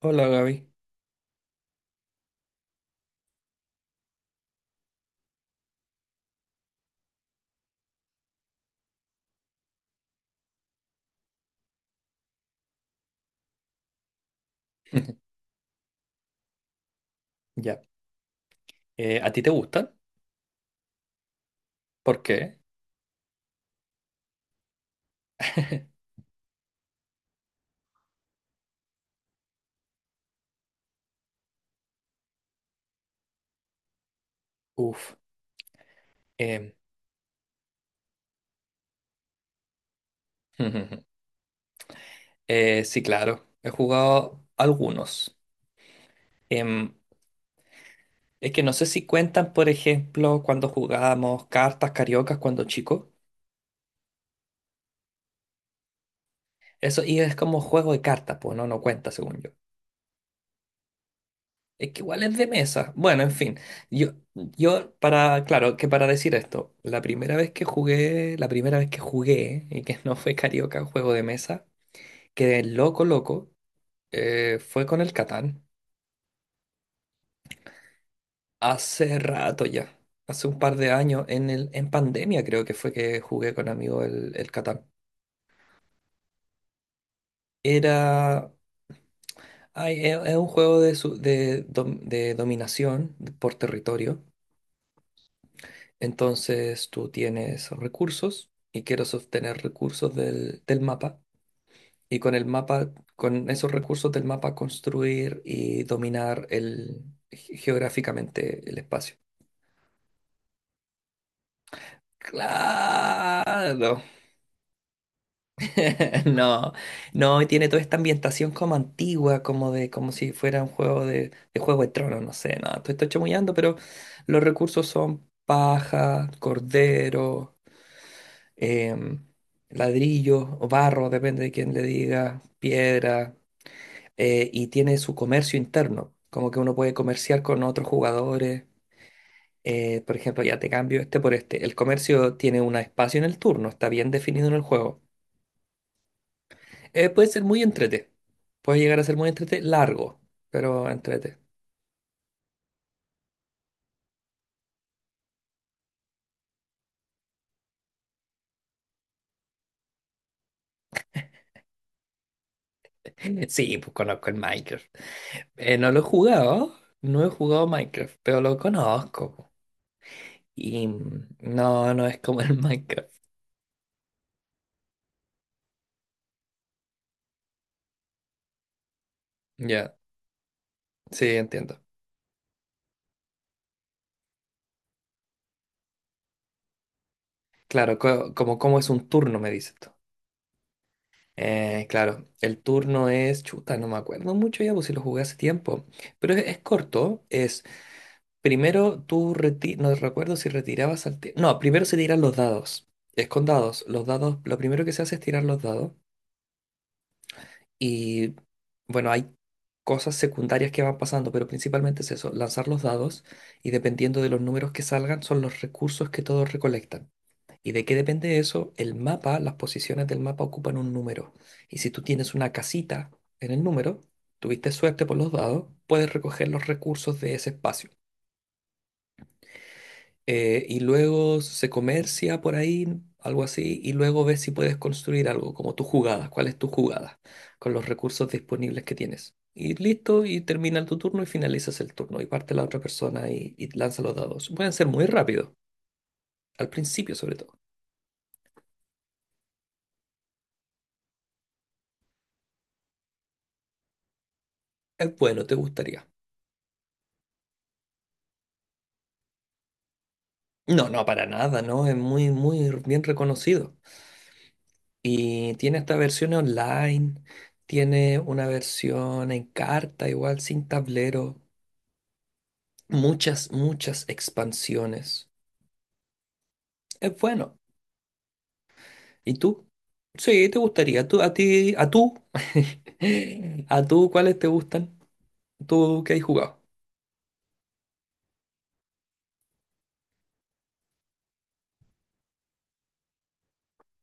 Hola, Gaby. Ya. ¿A ti te gustan? ¿Por qué? Uf. em, sí, claro. He jugado algunos. Em, es que no sé si cuentan, por ejemplo, cuando jugábamos cartas cariocas cuando chico. Eso es como juego de cartas, pues no cuenta, según yo. Es que igual es de mesa. Bueno, en fin. Yo para, claro, que para decir esto, la primera vez que jugué, y que no fue carioca, juego de mesa, quedé loco. Fue con el Catán. Hace rato ya. Hace un par de años, en pandemia creo que fue que jugué con amigos el Catán. Era... ay, es un juego de, de dominación por territorio. Entonces tú tienes recursos y quieres obtener recursos del mapa. Y con el mapa, con esos recursos del mapa construir y dominar el, geográficamente el espacio. Claro. No, no, y tiene toda esta ambientación como antigua, como de, como si fuera un juego de Juego de Tronos, no sé, nada, estoy chamullando, pero los recursos son paja, cordero, em, ladrillos o barro, depende de quién le diga, piedra, y tiene su comercio interno, como que uno puede comerciar con otros jugadores, por ejemplo, ya te cambio este por este, el comercio tiene un espacio en el turno, está bien definido en el juego. Puede ser muy entrete. Puede llegar a ser muy entrete, largo, pero entrete. Sí, pues conozco el Minecraft. No lo he jugado, no he jugado Minecraft, pero lo conozco, po. Y no, no es como el Minecraft. Ya, sí, entiendo. Claro, como, como es un turno, me dices tú. Claro, el turno es chuta, no me acuerdo mucho ya, pues si lo jugué hace tiempo. Pero es corto, es primero tú no recuerdo si retirabas al no, primero se tiran los dados. Es con dados. Los dados, lo primero que se hace es tirar los dados. Y bueno, hay cosas secundarias que van pasando, pero principalmente es eso, lanzar los dados y dependiendo de los números que salgan son los recursos que todos recolectan. ¿Y de qué depende eso? El mapa, las posiciones del mapa ocupan un número. Y si tú tienes una casita en el número, tuviste suerte por los dados, puedes recoger los recursos de ese espacio. Y luego se comercia por ahí, algo así, y luego ves si puedes construir algo, como tus jugadas, cuál es tu jugada, con los recursos disponibles que tienes. Y listo, y termina tu turno y finalizas el turno, y parte la otra persona y lanza los dados. Pueden ser muy rápidos, al principio sobre todo. Es bueno, te gustaría. No, no, para nada, ¿no? Es muy, muy bien reconocido. Y tiene esta versión online, tiene una versión en carta, igual sin tablero. Muchas, muchas expansiones. Es bueno. ¿Y tú? Sí, te gustaría. ¿Tú, a ti, a tú? ¿A tú cuáles te gustan? ¿Tú qué has jugado?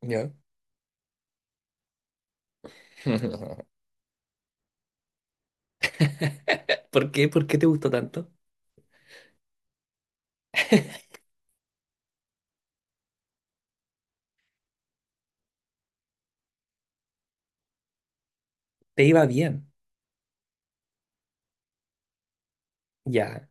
¿Ya? ¿Por qué? ¿Por qué te gustó tanto? Te iba bien. Ya.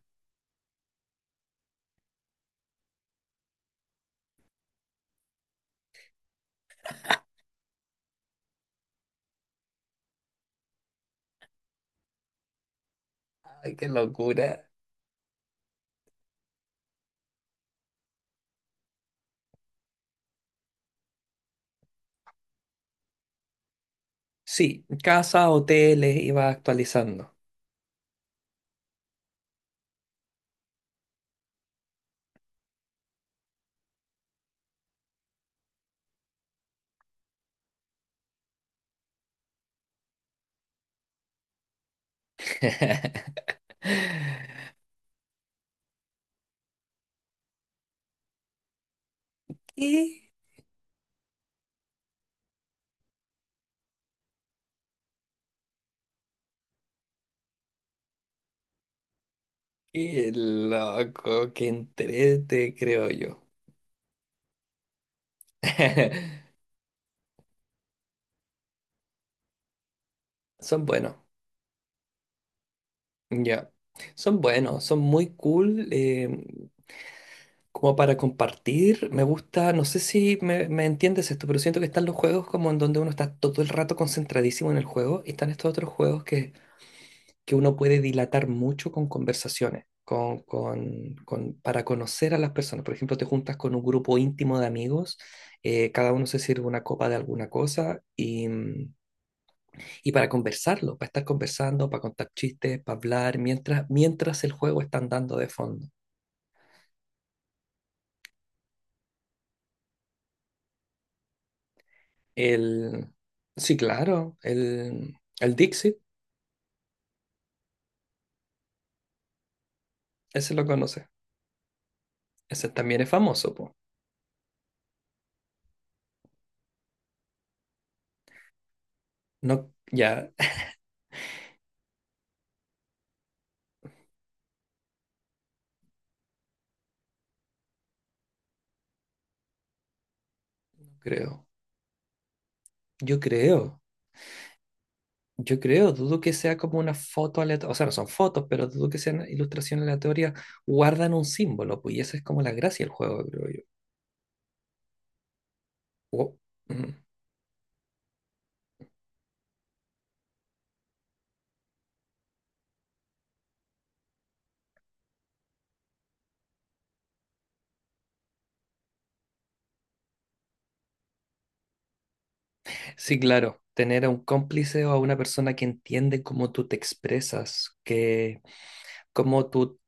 Ay, qué locura. Sí, casa, hoteles, iba actualizando. ¿Qué? Qué loco, qué entrete, creo yo. Son buenos. Ya, son buenos, son muy cool, como para compartir. Me gusta, no sé si me entiendes esto, pero siento que están los juegos como en donde uno está todo el rato concentradísimo en el juego y están estos otros juegos que uno puede dilatar mucho con conversaciones, para conocer a las personas. Por ejemplo, te juntas con un grupo íntimo de amigos, cada uno se sirve una copa de alguna cosa y para conversarlo, para estar conversando, para contar chistes, para hablar, mientras, mientras el juego está andando de fondo. El, sí, claro, el Dixit, ese lo conoce. Ese también es famoso, po. No, ya, creo. Yo creo, yo creo, dudo que sea como una foto aleatoria, o sea, no son fotos, pero dudo que sean ilustraciones aleatorias, guardan un símbolo, pues, y esa es como la gracia del juego, creo yo. Oh, mm. Sí, claro, tener a un cómplice o a una persona que entiende cómo tú te expresas, que, cómo tú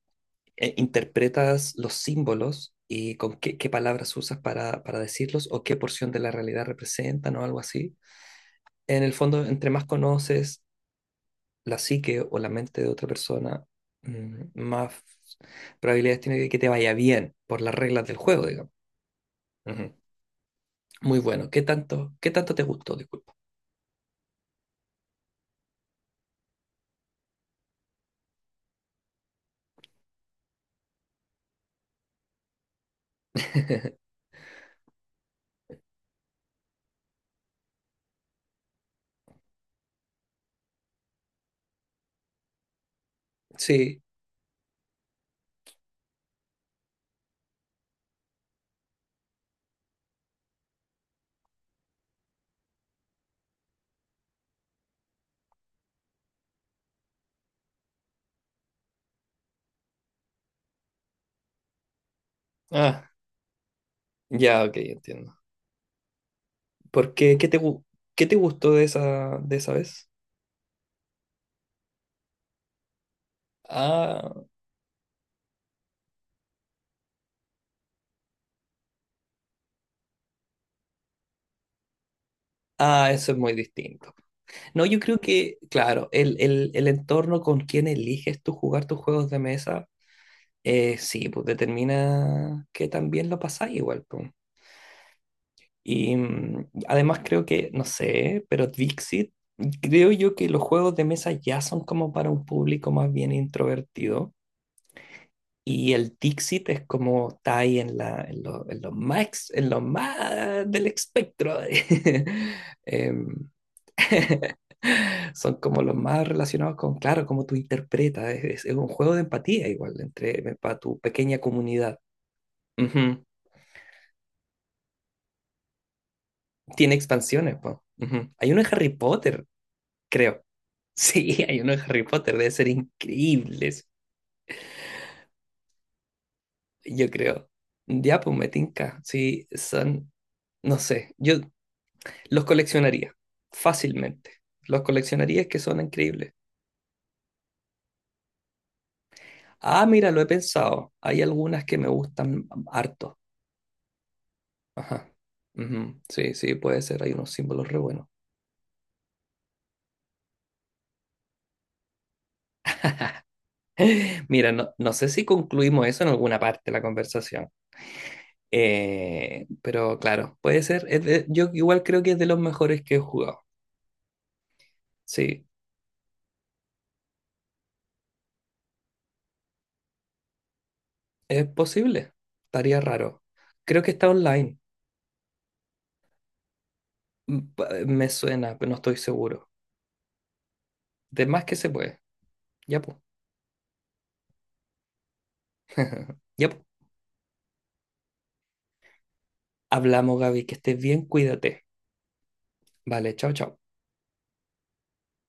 interpretas los símbolos y con qué palabras usas para decirlos o qué porción de la realidad representan o algo así. En el fondo, entre más conoces la psique o la mente de otra persona, más probabilidades tiene de que te vaya bien por las reglas del juego, digamos. Ujú. Muy bueno. Qué tanto te gustó? Disculpa. Sí. Ah, ya, ok, entiendo. ¿Por qué? ¿Qué te gustó de esa vez? Ah, ah, eso es muy distinto. No, yo creo que, claro, el entorno con quien eliges tú jugar tus juegos de mesa, sí, pues determina que también lo pasás igual, pues. Y además creo que, no sé, pero Dixit, creo yo que los juegos de mesa ya son como para un público más bien introvertido. Y el Dixit es como está ahí en, en los más, en los más del espectro. Em, son como los más relacionados con, claro, cómo tú interpretas. Es un juego de empatía igual entre, para tu pequeña comunidad. Ujú. Tiene expansiones, po. Ujú. Hay uno en Harry Potter, creo. Sí, hay uno en Harry Potter. Debe ser increíbles, yo creo. Ya, pues me tinca. Sí, son... No sé, yo los coleccionaría, fácilmente. Los coleccionaría, es que son increíbles. Ah, mira, lo he pensado. Hay algunas que me gustan harto. Ajá. Ujú. Sí, sí, puede ser. Hay unos símbolos re buenos. Mira, no, no sé si concluimos eso en alguna parte de la conversación. Pero claro, puede ser. Yo igual creo que es de los mejores que he jugado. Sí, es posible. Estaría raro. Creo que está online. Me suena, pero no estoy seguro. De más que se puede. Ya, pues. Ya, pues. Hablamos, Gaby, que estés bien, cuídate. Vale, chao, chao.